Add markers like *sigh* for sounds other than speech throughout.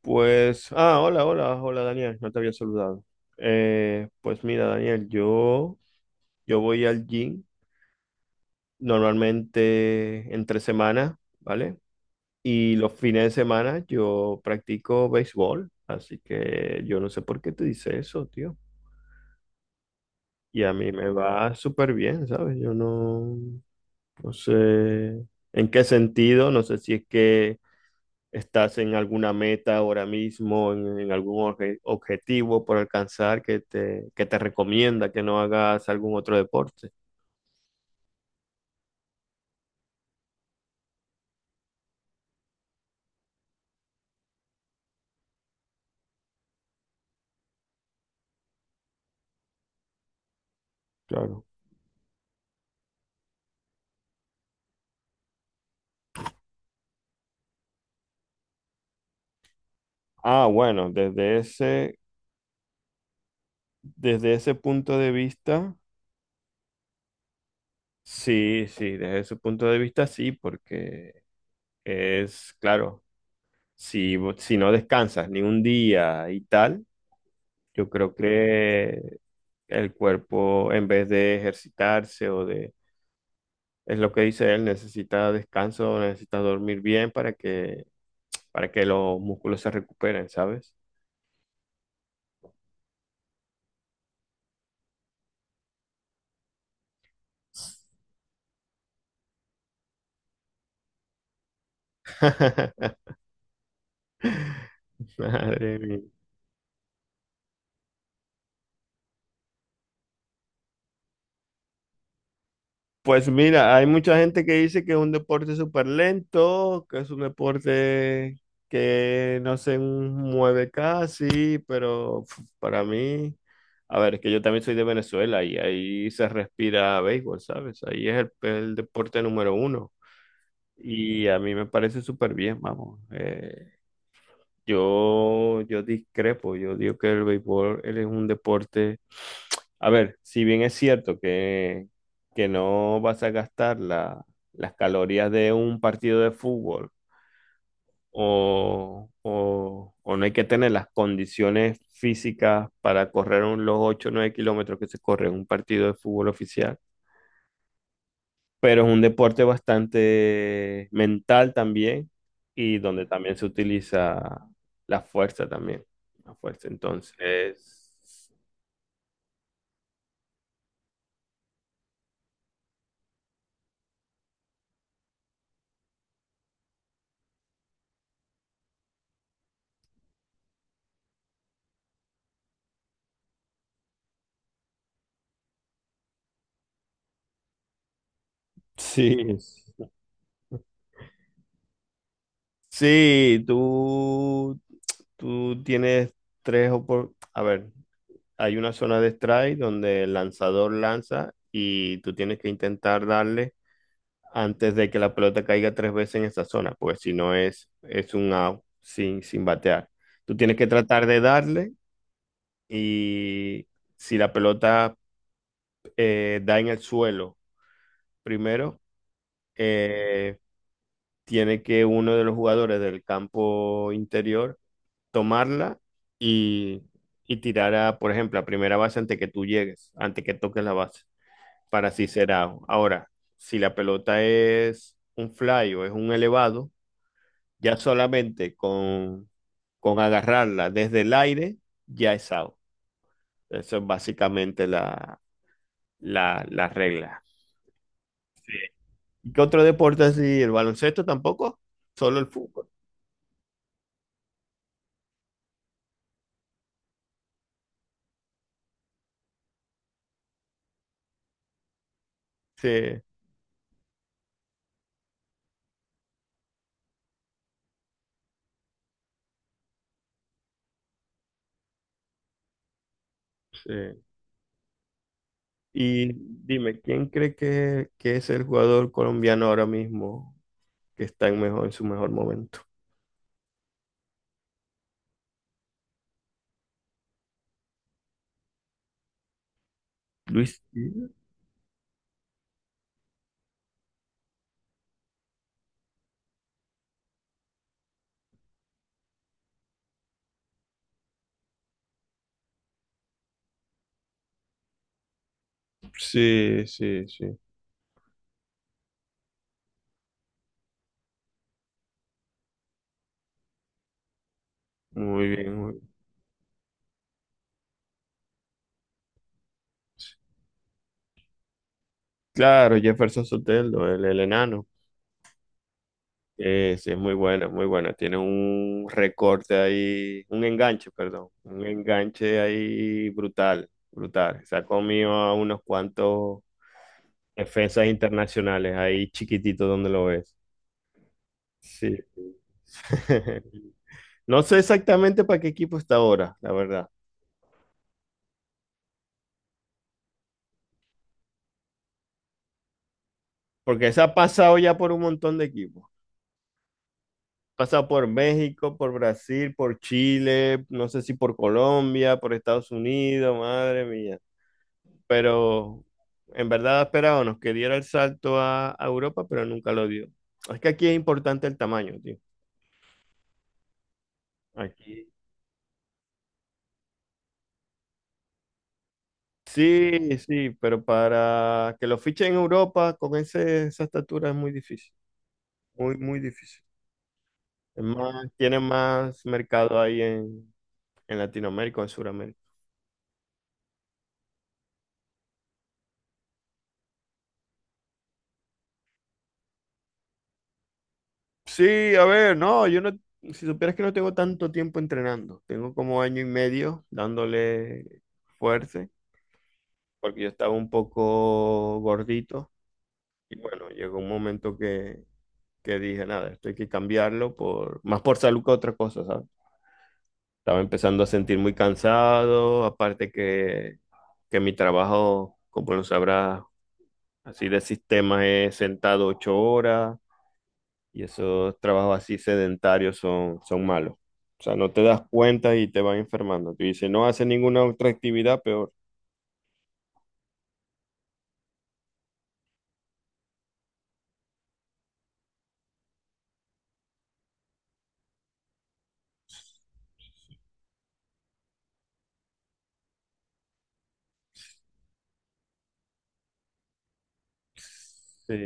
Pues, ah, hola, hola, hola Daniel, no te había saludado. Pues mira, Daniel, yo voy al gym normalmente entre semana, ¿vale? Y los fines de semana yo practico béisbol, así que yo no sé por qué te dice eso, tío. Y a mí me va súper bien, ¿sabes? Yo no, no sé en qué sentido, no sé si es que estás en alguna meta ahora mismo, en algún objetivo por alcanzar que te recomienda que no hagas algún otro deporte. Claro. Ah, bueno, desde ese punto de vista, sí, sí, desde ese punto de vista, sí, porque es, claro, si no descansas ni un día y tal, yo creo que el cuerpo, en vez de ejercitarse o de. Es lo que dice él, necesita descanso, necesita dormir bien para que los músculos se recuperen, ¿sabes? *laughs* Madre mía. Pues mira, hay mucha gente que dice que es un deporte súper lento, que es un deporte que no se mueve casi, pero pf, para mí, a ver, es que yo también soy de Venezuela y ahí se respira béisbol, ¿sabes? Ahí es el deporte número uno. Y a mí me parece súper bien, vamos. Yo discrepo, yo digo que el béisbol él es un deporte. A ver, si bien es cierto que no vas a gastar las calorías de un partido de fútbol o, o no hay que tener las condiciones físicas para correr los 8 o 9 kilómetros que se corre en un partido de fútbol oficial, pero es un deporte bastante mental también y donde también se utiliza la fuerza también, la fuerza. Entonces, sí, sí, tú tienes a ver, hay una zona de strike donde el lanzador lanza y tú tienes que intentar darle antes de que la pelota caiga tres veces en esa zona, porque si no es un out sin batear. Tú tienes que tratar de darle y si la pelota da en el suelo primero, eh, tiene que uno de los jugadores del campo interior tomarla y, y tirar a, por ejemplo, a primera base antes que tú llegues, antes que toques la base, para así ser out. Ahora, si la pelota es un fly o es un elevado, ya solamente con agarrarla desde el aire, ya es out. Eso es básicamente la regla. ¿Y qué otro deporte así? ¿El baloncesto tampoco? Solo el fútbol. Sí, sí. Y dime, ¿quién cree que es el jugador colombiano ahora mismo que está en mejor, en su mejor momento? Luis. Sí, sí, sí. Muy bien, muy bien. Claro, Jefferson Soteldo, el enano. Sí, es muy buena, muy buena. Tiene un recorte ahí, un enganche, perdón. Un enganche ahí brutal, brutal. Se ha comido a unos cuantos defensas internacionales, ahí chiquitito donde lo ves. Sí. *laughs* No sé exactamente para qué equipo está ahora, la verdad. Porque se ha pasado ya por un montón de equipos. Pasa por México, por Brasil, por Chile, no sé si por Colombia, por Estados Unidos, madre mía. Pero en verdad esperábamos que diera el salto a Europa, pero nunca lo dio. Es que aquí es importante el tamaño, tío. Aquí. Sí, sí, pero para que lo fichen en Europa con esa estatura es muy difícil, muy, muy difícil. Es más, tiene más mercado ahí en Latinoamérica o en Sudamérica. Sí, a ver, no, yo no, si supieras que no tengo tanto tiempo entrenando, tengo como año y medio dándole fuerza, porque yo estaba un poco gordito y bueno, llegó un momento que dije, nada, esto hay que cambiarlo por, más por salud que otra cosa, ¿sabes? Estaba empezando a sentir muy cansado, aparte que mi trabajo, como lo sabrás, así de sistema es sentado 8 horas y esos trabajos así sedentarios son malos. O sea, no te das cuenta y te vas enfermando. Tú dices, no haces ninguna otra actividad, peor. Sí,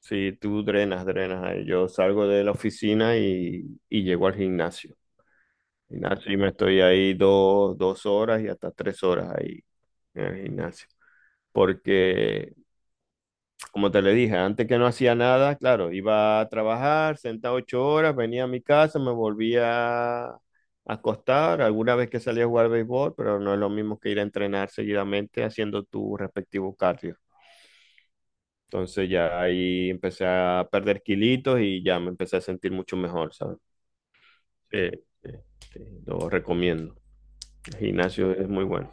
sí, tú drenas, drenas. Yo salgo de la oficina y llego al gimnasio. Gimnasio y me estoy ahí 2 horas y hasta 3 horas ahí en el gimnasio. Porque, como te le dije, antes que no hacía nada, claro, iba a trabajar, sentaba 8 horas, venía a mi casa, me volvía a acostar, alguna vez que salía a jugar béisbol, pero no es lo mismo que ir a entrenar seguidamente haciendo tu respectivo cardio. Entonces ya ahí empecé a perder kilitos y ya me empecé a sentir mucho mejor, ¿sabes? Sí, sí, sí, lo recomiendo. El gimnasio es muy bueno.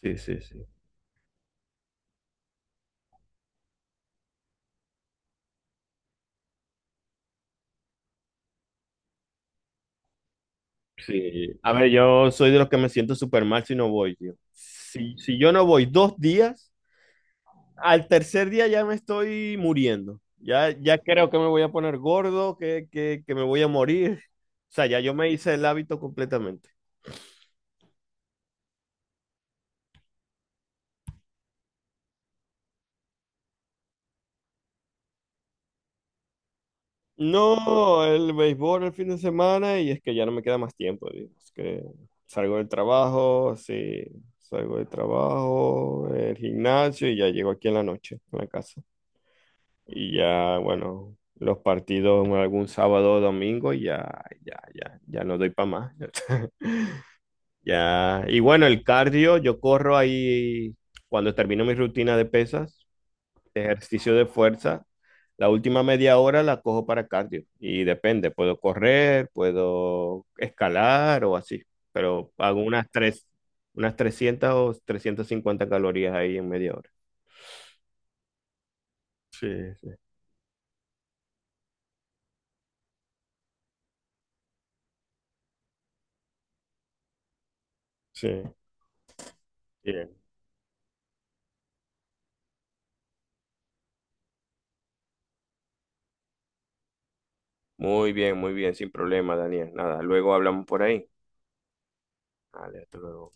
Sí, sí, sí. Sí. A ver, yo soy de los que me siento súper mal si no voy, tío. Si yo no voy 2 días, al tercer día ya me estoy muriendo. Ya, ya creo que me voy a poner gordo, que me voy a morir. O sea, ya yo me hice el hábito completamente. No, el béisbol el fin de semana y es que ya no me queda más tiempo, tío. Es que salgo del trabajo, sí, salgo del trabajo, el gimnasio y ya llego aquí en la noche, en la casa. Y ya, bueno, los partidos algún sábado o domingo, ya, ya, ya, ya no doy para más. *laughs* Ya, y bueno, el cardio, yo corro ahí cuando termino mi rutina de pesas, de ejercicio de fuerza, la última media hora la cojo para cardio. Y depende, puedo correr, puedo escalar o así, pero hago unas tres, unas 300 o 350 calorías ahí en media hora. Sí, sí, sí. Sí. Muy bien, sin problema, Daniel. Nada, luego hablamos por ahí. Vale, hasta luego.